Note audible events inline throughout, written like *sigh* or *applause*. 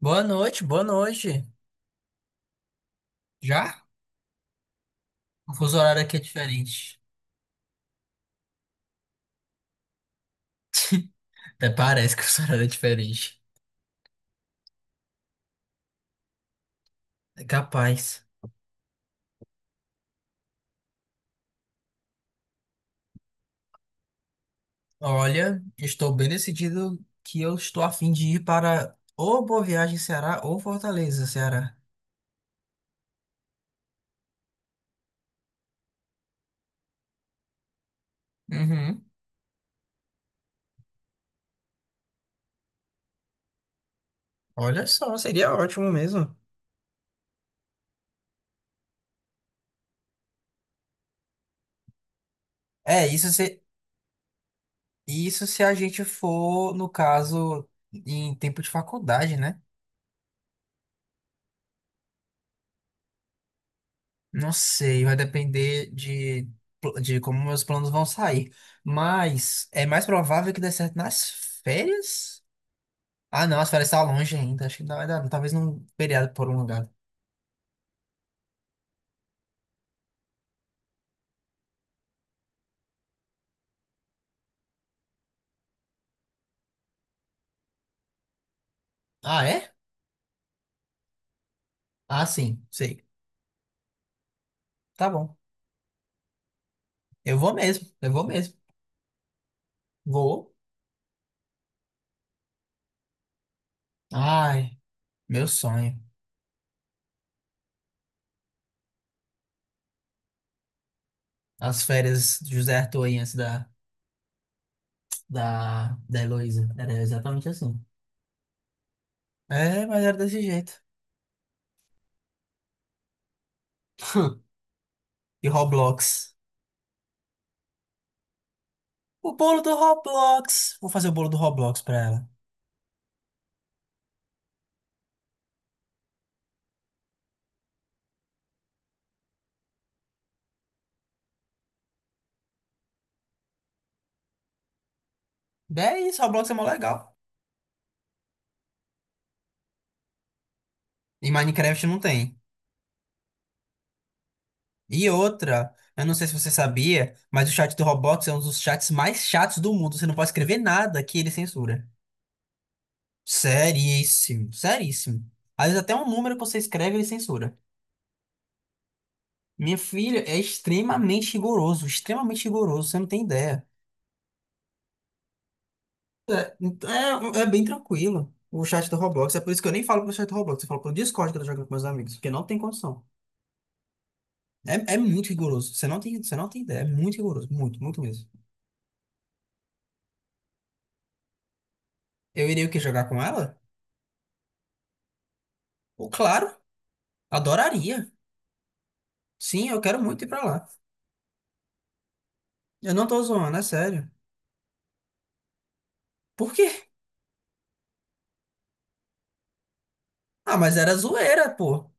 Boa noite, boa noite. Já? O fuso horário aqui é diferente. *laughs* Até parece que o fuso horário é diferente. É capaz. Olha, estou bem decidido que eu estou a fim de ir para ou Boa Viagem, Ceará, ou Fortaleza, Ceará. Uhum. Olha só, seria ótimo mesmo. É, isso se a gente for, no caso, em tempo de faculdade, né? Não sei, vai depender de como meus planos vão sair. Mas é mais provável que dê certo nas férias? Ah, não, as férias estão longe ainda. Acho que não vai dar, talvez num feriado por um lugar. Ah, é? Ah, sim, sei. Tá bom. Eu vou mesmo, eu vou mesmo. Vou. Ai, meu sonho. As férias de José Arthur aí antes da Heloísa. Era exatamente assim. É, mas era desse jeito. *laughs* E Roblox. O bolo do Roblox. Vou fazer o bolo do Roblox pra ela. É isso, Roblox é mó legal. E Minecraft não tem. E outra, eu não sei se você sabia, mas o chat do Roblox é um dos chats mais chatos do mundo. Você não pode escrever nada que ele censura. Seríssimo, seríssimo. Às vezes até um número que você escreve ele censura. Minha filha é extremamente rigoroso, você não tem ideia. É, então é bem tranquilo o chat do Roblox. É por isso que eu nem falo pro chat do Roblox, eu falo pro Discord que eu tô jogando com meus amigos, porque não tem condição. É, é muito rigoroso. Você não tem ideia. É muito rigoroso. Muito, muito mesmo. Eu iria o quê? Jogar com ela? Pô, claro. Adoraria. Sim, eu quero muito ir pra lá. Eu não tô zoando, é sério. Por quê? Ah, mas era zoeira, pô.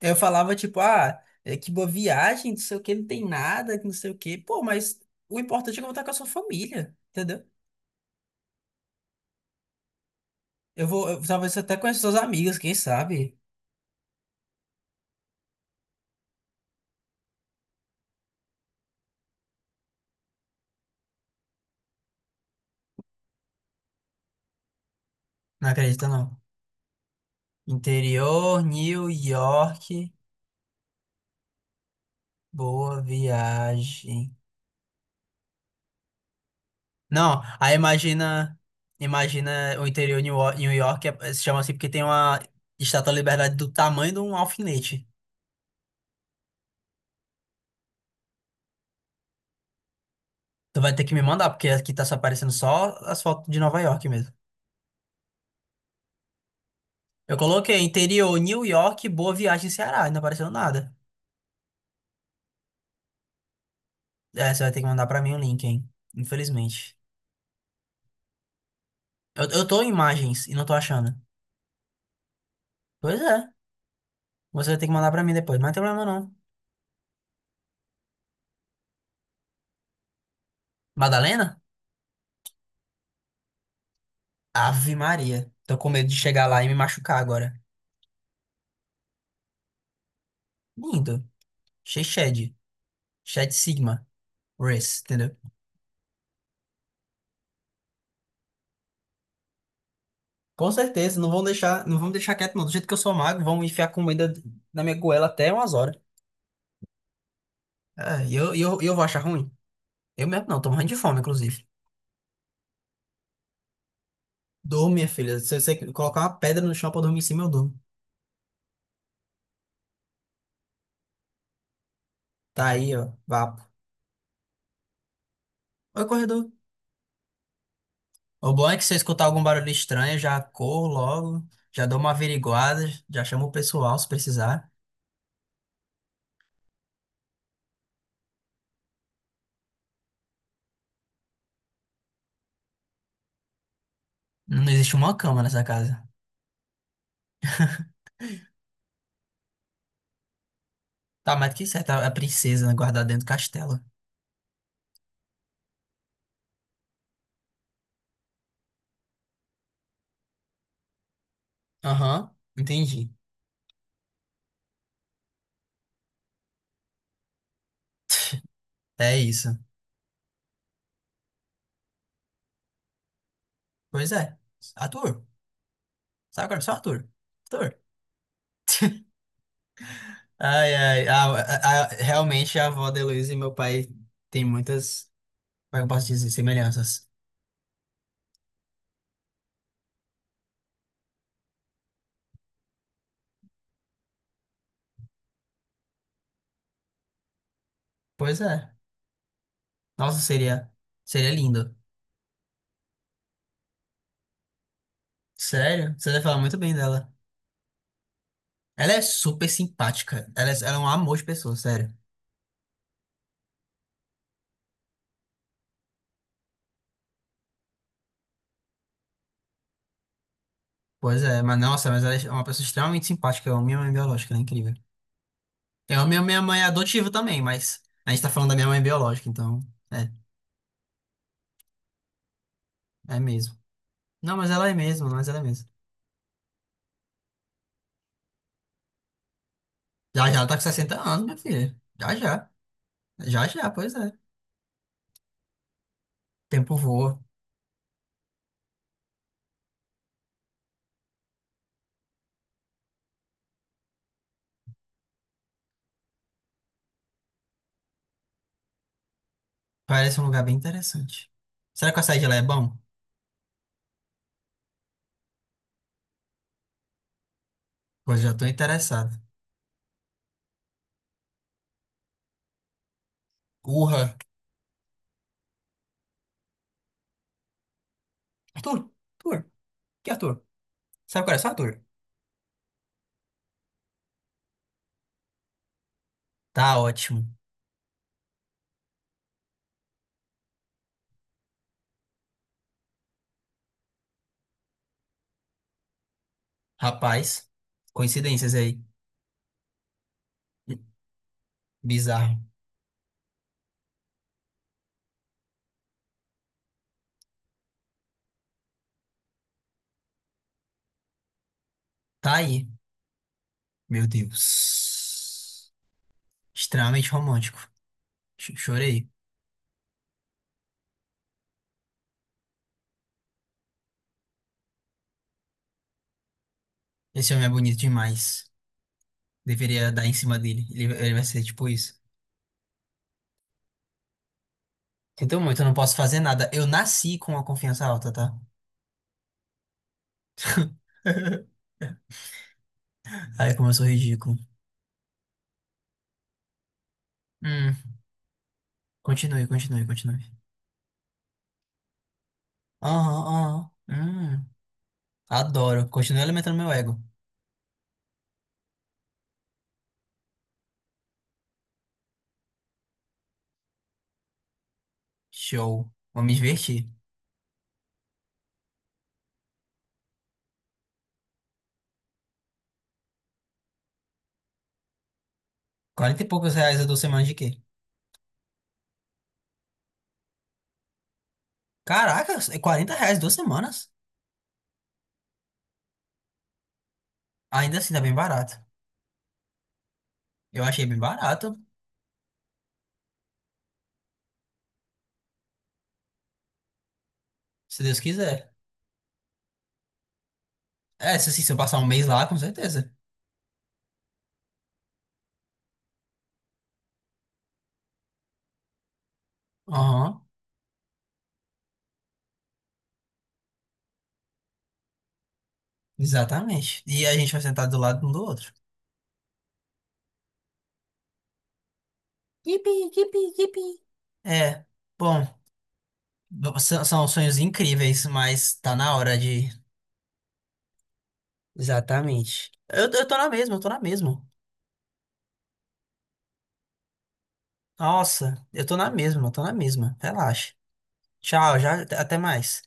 Eu falava, tipo, ah, é que boa viagem, não sei o que não tem nada, que não sei o que. Pô, mas o importante é que eu vou estar com a sua família, entendeu? Talvez até com as suas amigas, quem sabe? Não acredita, não. Interior, New York, boa viagem. Não, aí imagina o interior de New York é- se chama assim porque tem uma Estátua da Liberdade do tamanho de um alfinete. Tu vai ter que me mandar, porque aqui tá só aparecendo só as fotos de Nova York mesmo. Eu coloquei interior New York, Boa Viagem, Ceará, e não apareceu nada. É, você vai ter que mandar pra mim o link, hein? Infelizmente. Eu tô em imagens e não tô achando. Pois é, você vai ter que mandar pra mim depois, mas não tem problema não. Madalena? Ave Maria. Tô com medo de chegar lá e me machucar agora. Lindo. Chechede. Chat Sigma, Race, entendeu? Com certeza, não vão deixar, não vão me deixar quieto, não. Do jeito que eu sou magro, vão enfiar comida na minha goela até umas horas. Ah, e eu vou achar ruim? Eu mesmo não, tô morrendo de fome, inclusive. Durmo, minha filha. Se você colocar uma pedra no chão pra dormir em cima, eu durmo. Tá aí, ó, vapo. Oi, corredor. O bom é que se eu escutar algum barulho estranho, eu já corro logo, já dou uma averiguada, já chamo o pessoal se precisar. Não existe uma cama nessa casa. Tá mais que certo, a princesa guardada dentro do castelo. Aham, entendi. É isso. Pois é. Ator. Sabe agora? Só ator. Ator. Ai, ai. Realmente a avó da Heloísa e meu pai tem muitas, como é que eu posso dizer, semelhanças. Pois é. Nossa, seria, seria lindo. Sério? Você deve falar muito bem dela. Ela é super simpática. Ela é um amor de pessoa, sério. Pois é, mas nossa, mas ela é uma pessoa extremamente simpática. Eu amo minha mãe biológica, ela é incrível. Eu amo minha mãe adotiva também, mas a gente tá falando da minha mãe biológica, então. É, é mesmo. Não, mas ela é mesmo, mas ela é mesmo. Já já ela tá com 60 anos, minha filha. Já já. Já já, pois é. Tempo voa. Parece um lugar bem interessante. Será que o açaí de lá é bom? Pois já tô interessado. Urra. Arthur? Arthur? Que Arthur? Sabe qual é só Arthur? Tá ótimo. Rapaz, coincidências aí. Bizarro. Tá aí. Meu Deus. Extremamente romântico. Chorei. Esse homem é bonito demais. Deveria dar em cima dele. Ele vai ser tipo isso. Sinto muito, eu não posso fazer nada. Eu nasci com a confiança alta, tá? *laughs* Ai, como eu sou ridículo. Hum, continue, continue, continue. Aham, aham. Adoro. Continue alimentando meu ego. Show. Vou me divertir. Quarenta e poucos reais a 2 semanas de quê? Caraca, é R$ 40 2 semanas? Ainda assim, tá bem barato. Eu achei bem barato, se Deus quiser. É, se, assim, se eu passar um mês lá, com certeza. Aham, exatamente. E a gente vai sentar do lado um do outro. Yipi, yipi, yipi. É, bom. São sonhos incríveis, mas tá na hora de. Exatamente. Eu tô na mesma, eu tô na mesma. Nossa, eu tô na mesma, eu tô na mesma. Relaxa. Tchau, já, até mais.